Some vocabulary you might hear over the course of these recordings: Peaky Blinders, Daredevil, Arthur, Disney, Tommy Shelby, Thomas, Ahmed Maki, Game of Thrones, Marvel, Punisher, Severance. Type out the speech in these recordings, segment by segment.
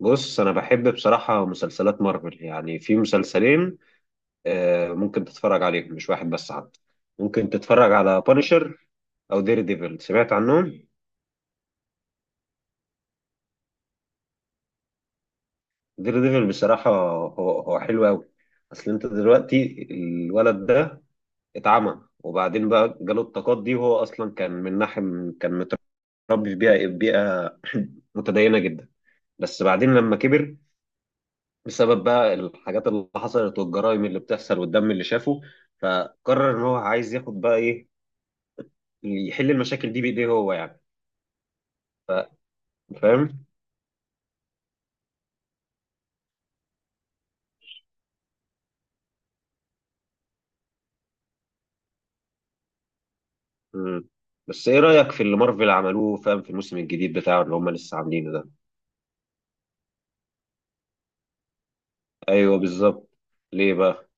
بص انا بحب بصراحه مسلسلات مارفل يعني في مسلسلين، ممكن تتفرج عليهم مش واحد بس. حتى ممكن تتفرج على بانشر او دير ديفل. سمعت عنهم؟ دير ديفل بصراحه هو حلو قوي. اصل انت دلوقتي الولد ده اتعمى، وبعدين بقى جاله الطاقات دي، وهو اصلا كان من ناحيه كان متربي في بيئه متدينه جدا. بس بعدين لما كبر، بسبب بقى الحاجات اللي حصلت والجرائم اللي بتحصل والدم اللي شافه، فقرر ان هو عايز ياخد بقى ايه، يحل المشاكل دي بايديه هو يعني. فاهم. مم. بس ايه رأيك في اللي مارفل عملوه فاهم؟ في الموسم الجديد بتاعه اللي هم لسه عاملينه ده. ايوه بالظبط. ليه بقى؟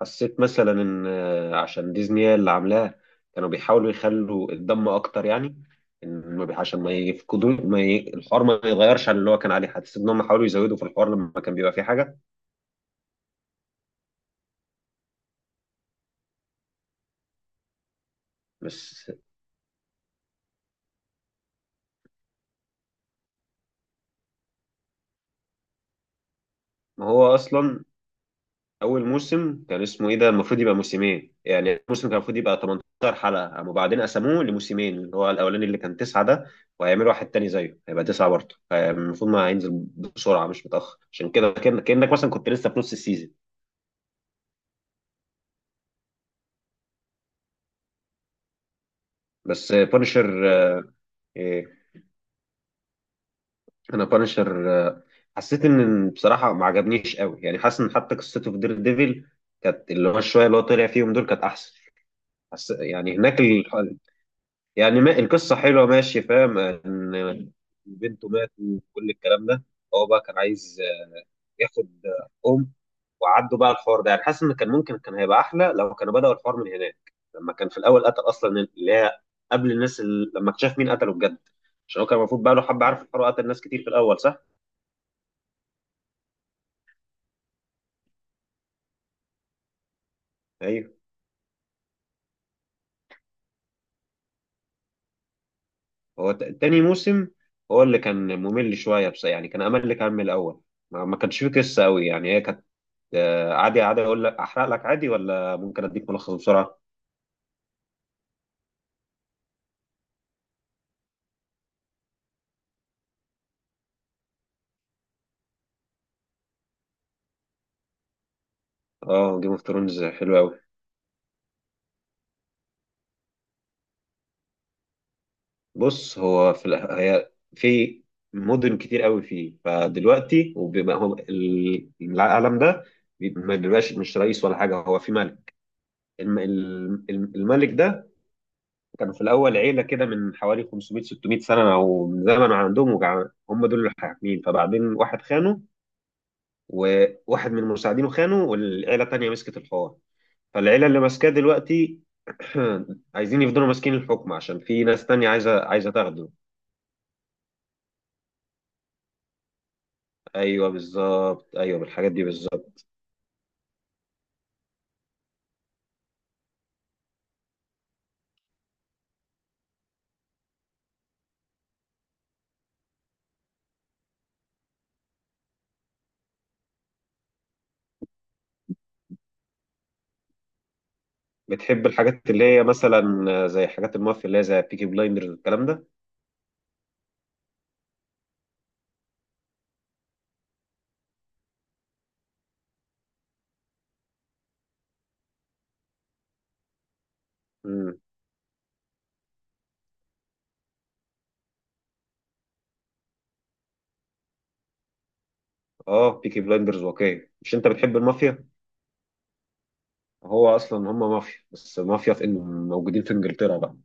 حسيت مثلا ان عشان ديزني هي اللي عاملاه، كانوا بيحاولوا يخلوا الدم اكتر يعني. إن ما بي- عشان ما يفقدوا ما ي... الحوار ما يتغيرش عن اللي هو كان عليه. حسيت ان هم حاولوا يزودوا في الحوار لما كان بيبقى فيه حاجه. بس ما هو اصلا اول موسم كان اسمه ايه ده المفروض يبقى موسمين يعني، الموسم كان المفروض يبقى 18 حلقه، قاموا بعدين قسموه لموسمين اللي هو الاولاني اللي كان تسعه ده، وهيعملوا واحد تاني زيه هيبقى تسعه برضه. المفروض ما هينزل بسرعه، مش متاخر عشان كده. كانك مثلا كنت لسه في نص السيزون. بس بانشر، إيه، انا بانشر حسيت ان بصراحه ما عجبنيش قوي يعني. حاسس ان حتى قصته في دير ديفل كانت، اللي هو شويه اللي هو طلع فيهم دول كانت احسن. يعني هناك، يعني ما القصة حلوة ماشي فاهم. إن بنته مات وكل الكلام ده، هو بقى كان عايز ياخد أم وعدوا بقى الحوار ده، يعني حاسس إن كان ممكن كان هيبقى أحلى لو كانوا بدأوا الحوار من هناك، لما كان في الأول قتل أصلا اللي هي قبل الناس، اللي لما اكتشف مين قتله بجد. عشان هو كان المفروض بقى له حبة، عارف الحوار، قتل ناس كتير في الأول صح؟ أيوه. هو تاني موسم هو اللي كان ممل شوية، بس يعني كان أمل. كان من الأول ما كانش فيه قصة أوي يعني، هي كانت عادي. عادي اقول لك احرق لك عادي ولا ممكن اديك ملخص بسرعه؟ اه، جيم اوف ثرونز حلو قوي. بص هو هي في مدن كتير قوي فيه، فدلوقتي وبيبقى هو العالم ده ما بيبقاش مش رئيس ولا حاجه، هو في ملك. الملك ده كان في الاول عيله كده من حوالي 500 600 سنه او من زمن، عندهم وجع. هم دول اللي حاكمين، فبعدين واحد خانه، وواحد من مساعدينه خانه، والعيله التانيه مسكت الحوار. فالعيلة اللي ماسكاه دلوقتي عايزين يفضلوا ماسكين الحكم عشان في ناس تانية عايزة تاخده. ايوه بالظبط، ايوه بالحاجات دي بالظبط. بتحب الحاجات اللي هي مثلا زي حاجات المافيا، اللي هي زي بيكي بلايندرز والكلام ده؟ امم. اه، بيكي بلايندرز واقعي. مش انت بتحب المافيا؟ هو اصلا هم مافيا، بس مافيا موجودين في انجلترا بقى.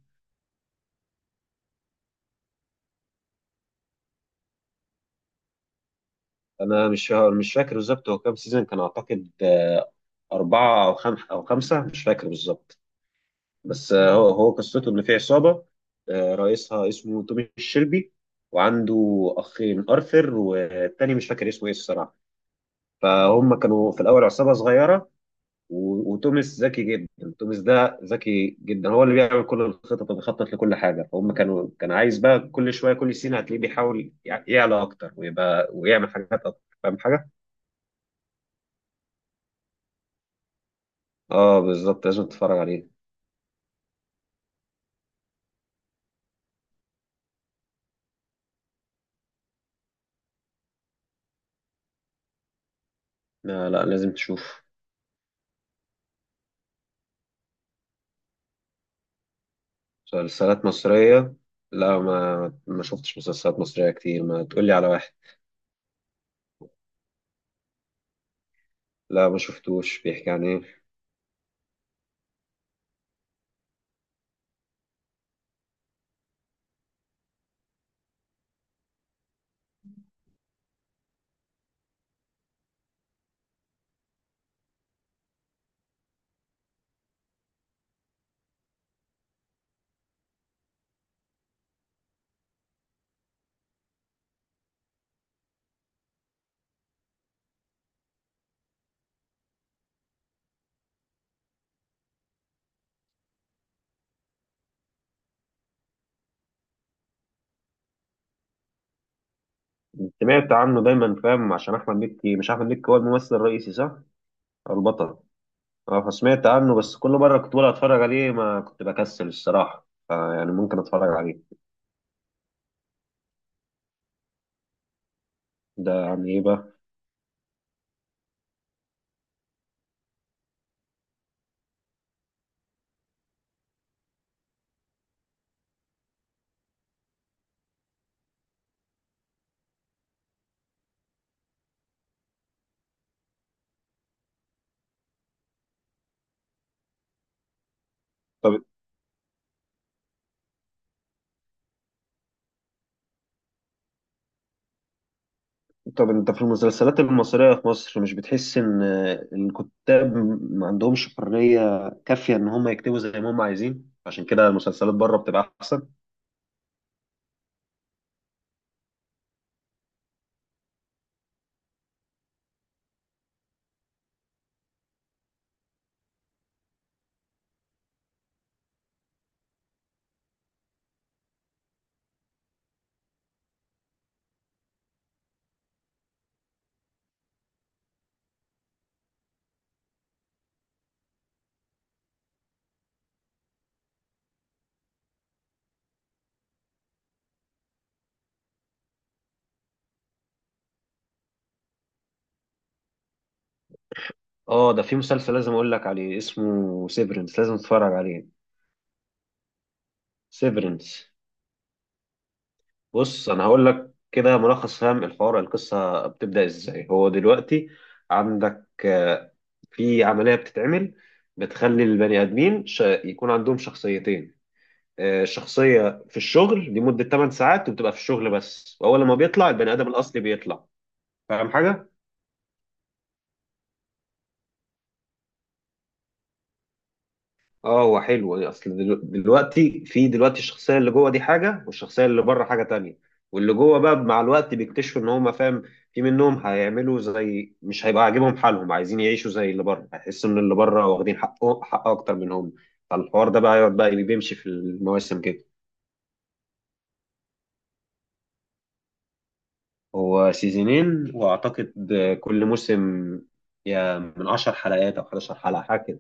انا مش فاكر بالظبط هو كام سيزون، كان اعتقد اربعة او خمسة، او خمسة مش فاكر بالظبط. بس هو قصته ان في عصابه، رئيسها اسمه تومي الشلبي، وعنده اخين ارثر والتاني مش فاكر اسمه ايه الصراحه. فهم كانوا في الاول عصابه صغيره، وتوماس ذكي جدا، توماس ده ذكي جدا، هو اللي بيعمل كل الخطط وبيخطط لكل حاجه. فهم كانوا كان عايز بقى كل شويه كل سنه هتلاقيه بيحاول يعلى اكتر ويبقى ويعمل حاجات اكتر فاهم حاجه. اه بالظبط، لازم تتفرج عليه. لا لا، لازم تشوف. مسلسلات مصرية؟ لا، ما ما شفتش مسلسلات مصرية كتير. ما تقولي على واحد. لا ما شفتوش، بيحكي عن ايه؟ سمعت عنه دايما فاهم، عشان احمد مكي، مش احمد مكي هو الممثل الرئيسي صح؟ أو البطل. اه فسمعت عنه، بس كل مرة كنت بقول اتفرج عليه ما كنت بكسل الصراحة، فيعني ممكن اتفرج عليه. ده عن ايه بقى؟ طب طب انت في المسلسلات المصرية في مصر، مش بتحس ان الكتاب ما عندهمش حرية كافية ان هم يكتبوا زي ما هم عايزين، عشان كده المسلسلات بره بتبقى احسن؟ اه، ده في مسلسل لازم اقول لك عليه اسمه سيفرنس، لازم تتفرج عليه. سيفرنس. بص انا هقول لك كده ملخص فاهم الحوار، القصه بتبدا ازاي. هو دلوقتي عندك في عمليه بتتعمل، بتخلي البني ادمين يكون عندهم شخصيتين. شخصيه في الشغل لمده 8 ساعات، وبتبقى في الشغل بس، واول ما بيطلع البني ادم الاصلي بيطلع، فاهم حاجه. اه هو حلو. اصل دلوقتي، في دلوقتي الشخصيه اللي جوه دي حاجه، والشخصيه اللي بره حاجه تانية. واللي جوه بقى مع الوقت بيكتشفوا ان هم فاهم، في منهم هيعملوا زي، مش هيبقى عاجبهم حالهم، عايزين يعيشوا زي اللي بره، هيحسوا ان اللي بره واخدين حقه حق اكتر منهم. فالحوار ده بقى يقعد بقى بيمشي في المواسم كده. هو سيزونين واعتقد، كل موسم يا من 10 حلقات او 11 حلقه حاجه كده.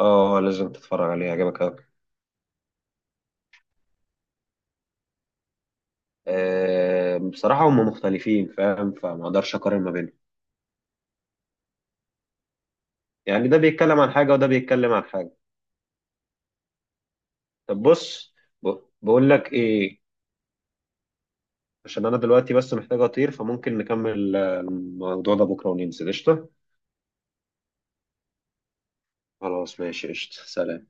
اه لازم تتفرج عليه هيعجبك أوي. بصراحة هم مختلفين فاهم، فما اقدرش اقارن ما بينهم. يعني ده بيتكلم عن حاجة وده بيتكلم عن حاجة. طب بص، بقول لك ايه، عشان انا دلوقتي بس محتاج اطير، فممكن نكمل الموضوع ده بكرة وننزل قشطة. خلاص ماشي قشطة، سلام.